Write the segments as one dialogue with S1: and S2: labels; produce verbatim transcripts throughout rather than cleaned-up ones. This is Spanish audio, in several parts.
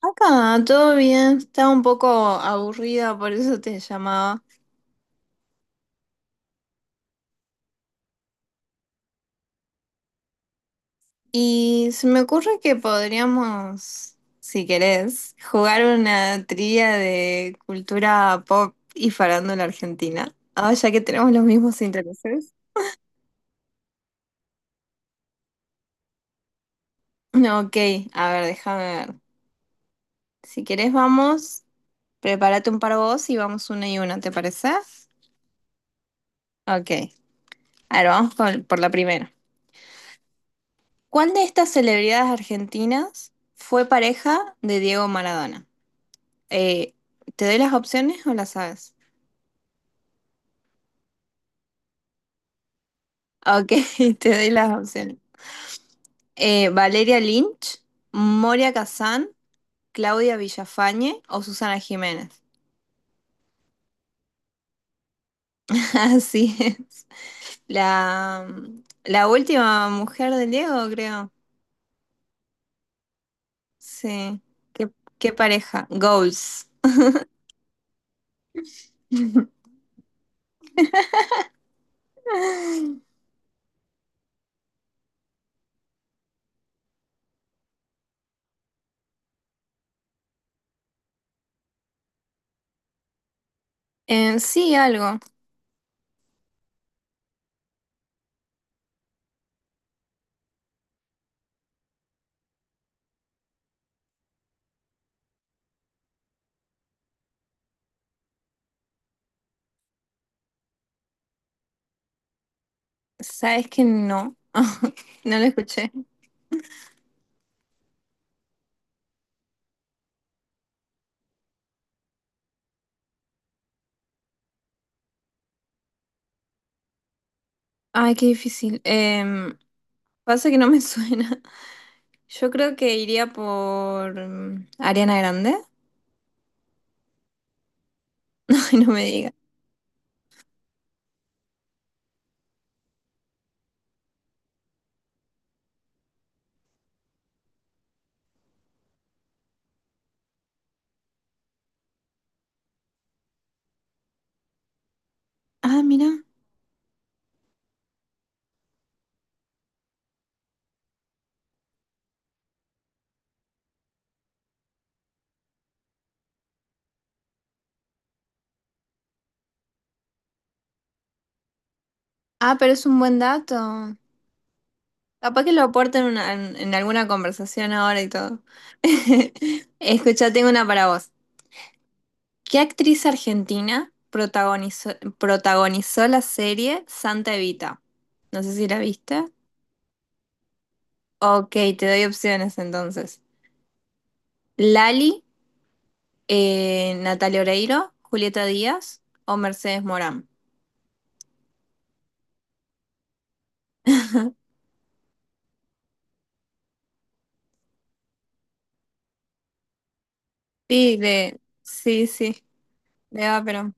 S1: Acá, todo bien, estaba un poco aburrida, por eso te llamaba. Y se me ocurre que podríamos, si querés, jugar una trivia de cultura pop y farándula argentina. Ahora ya que tenemos los mismos intereses. No, ok, a ver, déjame ver. Si querés, vamos, prepárate un par vos y vamos una y una, ¿te parece? Ok, a ver, vamos con- por la primera. ¿Cuál de estas celebridades argentinas fue pareja de Diego Maradona? Eh, ¿te doy las opciones o las sabes? Ok, te doy las opciones. Eh, Valeria Lynch, Moria Kazán, Claudia Villafañe o Susana Jiménez. Así es. La, la última mujer de Diego, creo. Sí. ¿Qué, ¿qué pareja? Goals. Eh, sí, algo. Sabes que no. No lo escuché. Ay, qué difícil. Em, pasa que no me suena. Yo creo que iría por mm, Ariana Grande. Ay, no me digas. Ah, mira. Ah, pero es un buen dato. Capaz que lo aporten en, una- en- en alguna conversación ahora y todo. Escucha, tengo una para vos. ¿Qué actriz argentina protagonizó, ¿protagonizó la serie Santa Evita? No sé si la viste. Ok, te doy opciones entonces. Lali, eh, Natalia Oreiro, Julieta Díaz o Mercedes Morán. Sí, de... Sí, sí. Me da pena.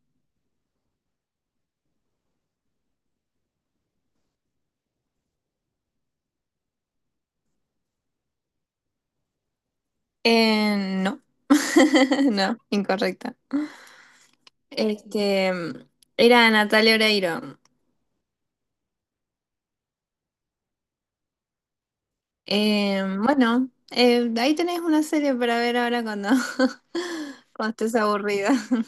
S1: Eh, no. No, incorrecta. Este, era Natalia Oreiro. Eh, bueno, eh, ahí tenés una serie para ver ahora cuando, cuando estés aburrida.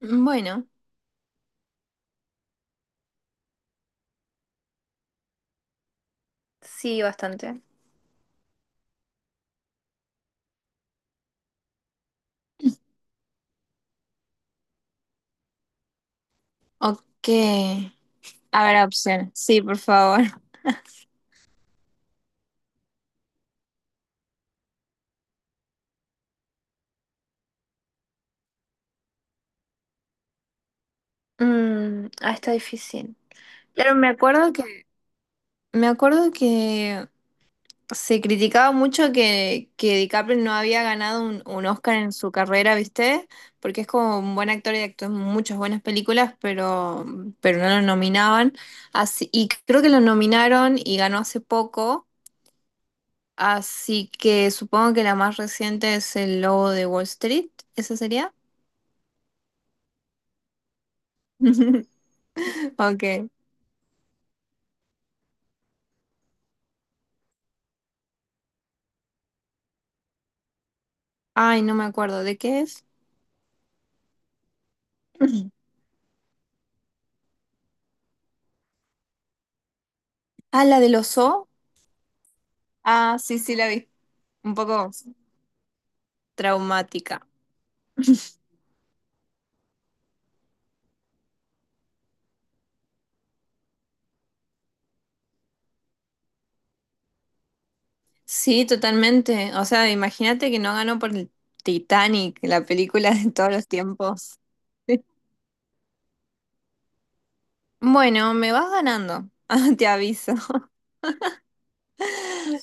S1: Bueno, sí, bastante. Ok. A ver, opción. Sí, por favor. Mm, ah, está difícil. Claro, me acuerdo que, me acuerdo que se criticaba mucho que, que DiCaprio no había ganado un, un Oscar en su carrera, ¿viste? Porque es como un buen actor y actuó en muchas buenas películas, pero, pero no lo nominaban. Así, y creo que lo nominaron y ganó hace poco, así que supongo que la más reciente es El Lobo de Wall Street, ¿esa sería? Ok. Ay, no me acuerdo, ¿de qué es? Ah, la del oso. Ah, sí, sí, la vi. Un poco traumática. Sí, totalmente. O sea, imagínate que no ganó por el Titanic, la película de todos los tiempos. Bueno, me vas ganando, te aviso.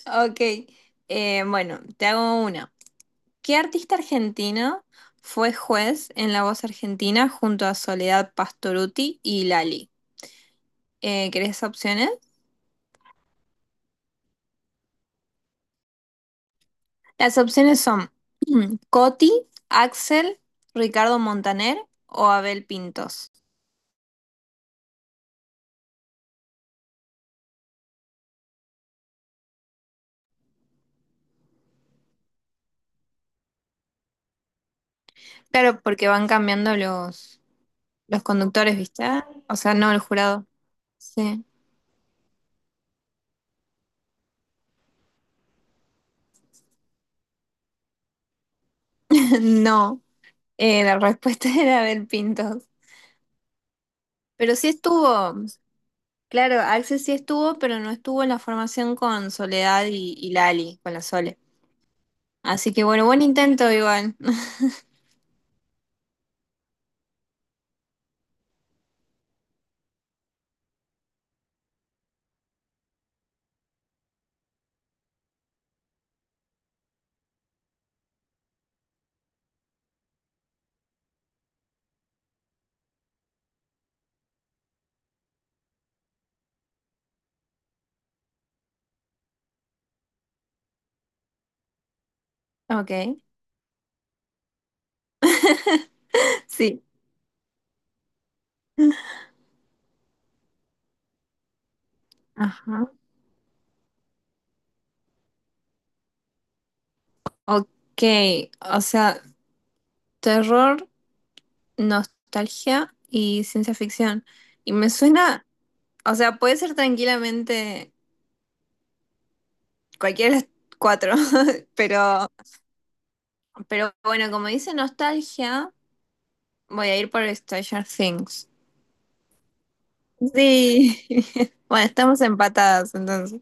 S1: Ok, eh, bueno, te hago una. ¿Qué artista argentino fue juez en La Voz Argentina junto a Soledad Pastorutti y Lali? Eh, ¿querés opciones? Las opciones son Coti, Axel, Ricardo Montaner o Abel Pintos. Claro, porque van cambiando los, los conductores, ¿viste? Ah, o sea, no el jurado. Sí. No. Eh, la respuesta era del Pintos. Pero sí estuvo. Claro, Axel sí estuvo, pero no estuvo en la formación con Soledad y, y Lali, con la Sole. Así que bueno, buen intento igual. Ok. Sí. Ajá. Ok. O sea, terror, nostalgia y ciencia ficción. Y me suena. O sea, puede ser tranquilamente cualquiera de las cuatro, pero. Pero bueno, como dice nostalgia, voy a ir por Stranger Things. Sí. Bueno, estamos empatadas entonces.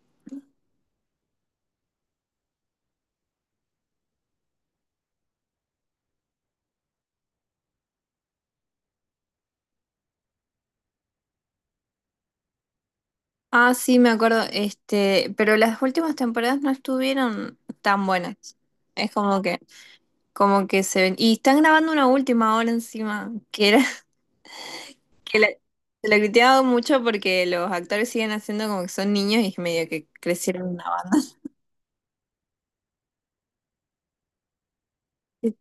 S1: Ah, sí, me acuerdo. Este, pero las últimas temporadas no estuvieron tan buenas. Es como que, como que se ven. Y están grabando una última ahora encima, que era, que la, se la criticaba mucho porque los actores siguen haciendo como que son niños y medio que crecieron una banda.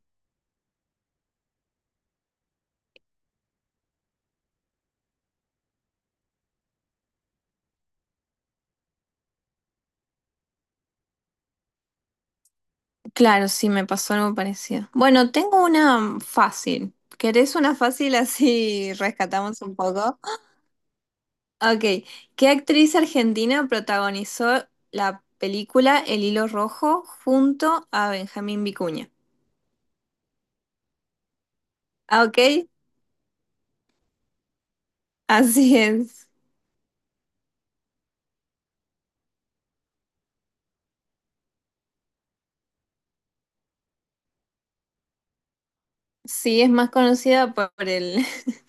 S1: Claro, sí, me pasó algo parecido. Bueno, tengo una fácil. ¿Querés una fácil así rescatamos un poco? Ok, ¿qué actriz argentina protagonizó la película El Hilo Rojo junto a Benjamín Vicuña? Ah, ok, así es. Sí, es más conocida por por el,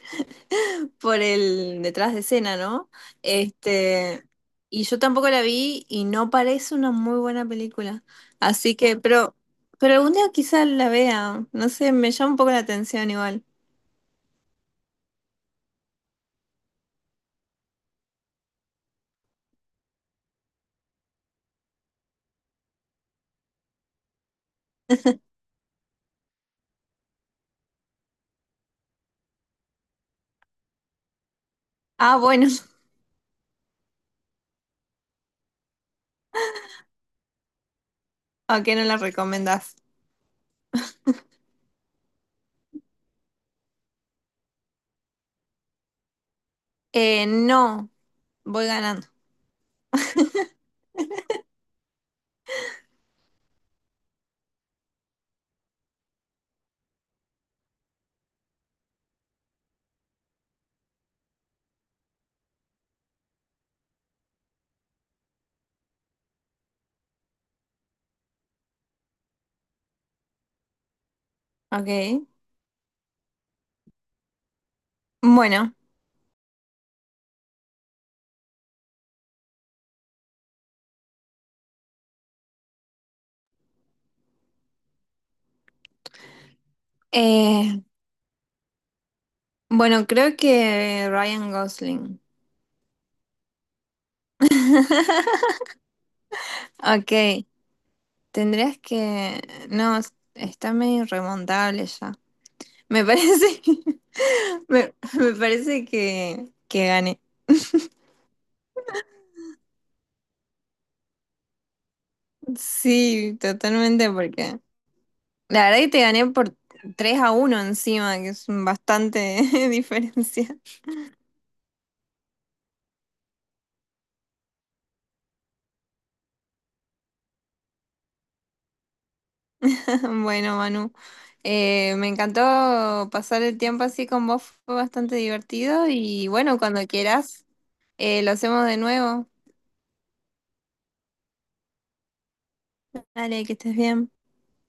S1: por el detrás de escena, ¿no? Este, y yo tampoco la vi y no parece una muy buena película. Así que, pero, pero algún día quizás la vea. No sé, me llama un poco la atención igual. Ah, bueno, ¿a qué no la recomendás? Eh, no, voy ganando. Ok. Bueno, eh, bueno, creo que Ryan Gosling. Ok. Tendrías que... No, es- está medio irremontable ya. Me parece, me, me parece que, que gané. Sí, totalmente, porque la verdad que te gané por tres a uno encima, que es bastante diferencia. Bueno, Manu, eh, me encantó pasar el tiempo así con vos, fue bastante divertido y bueno, cuando quieras, eh, lo hacemos de nuevo. Dale, que estés bien.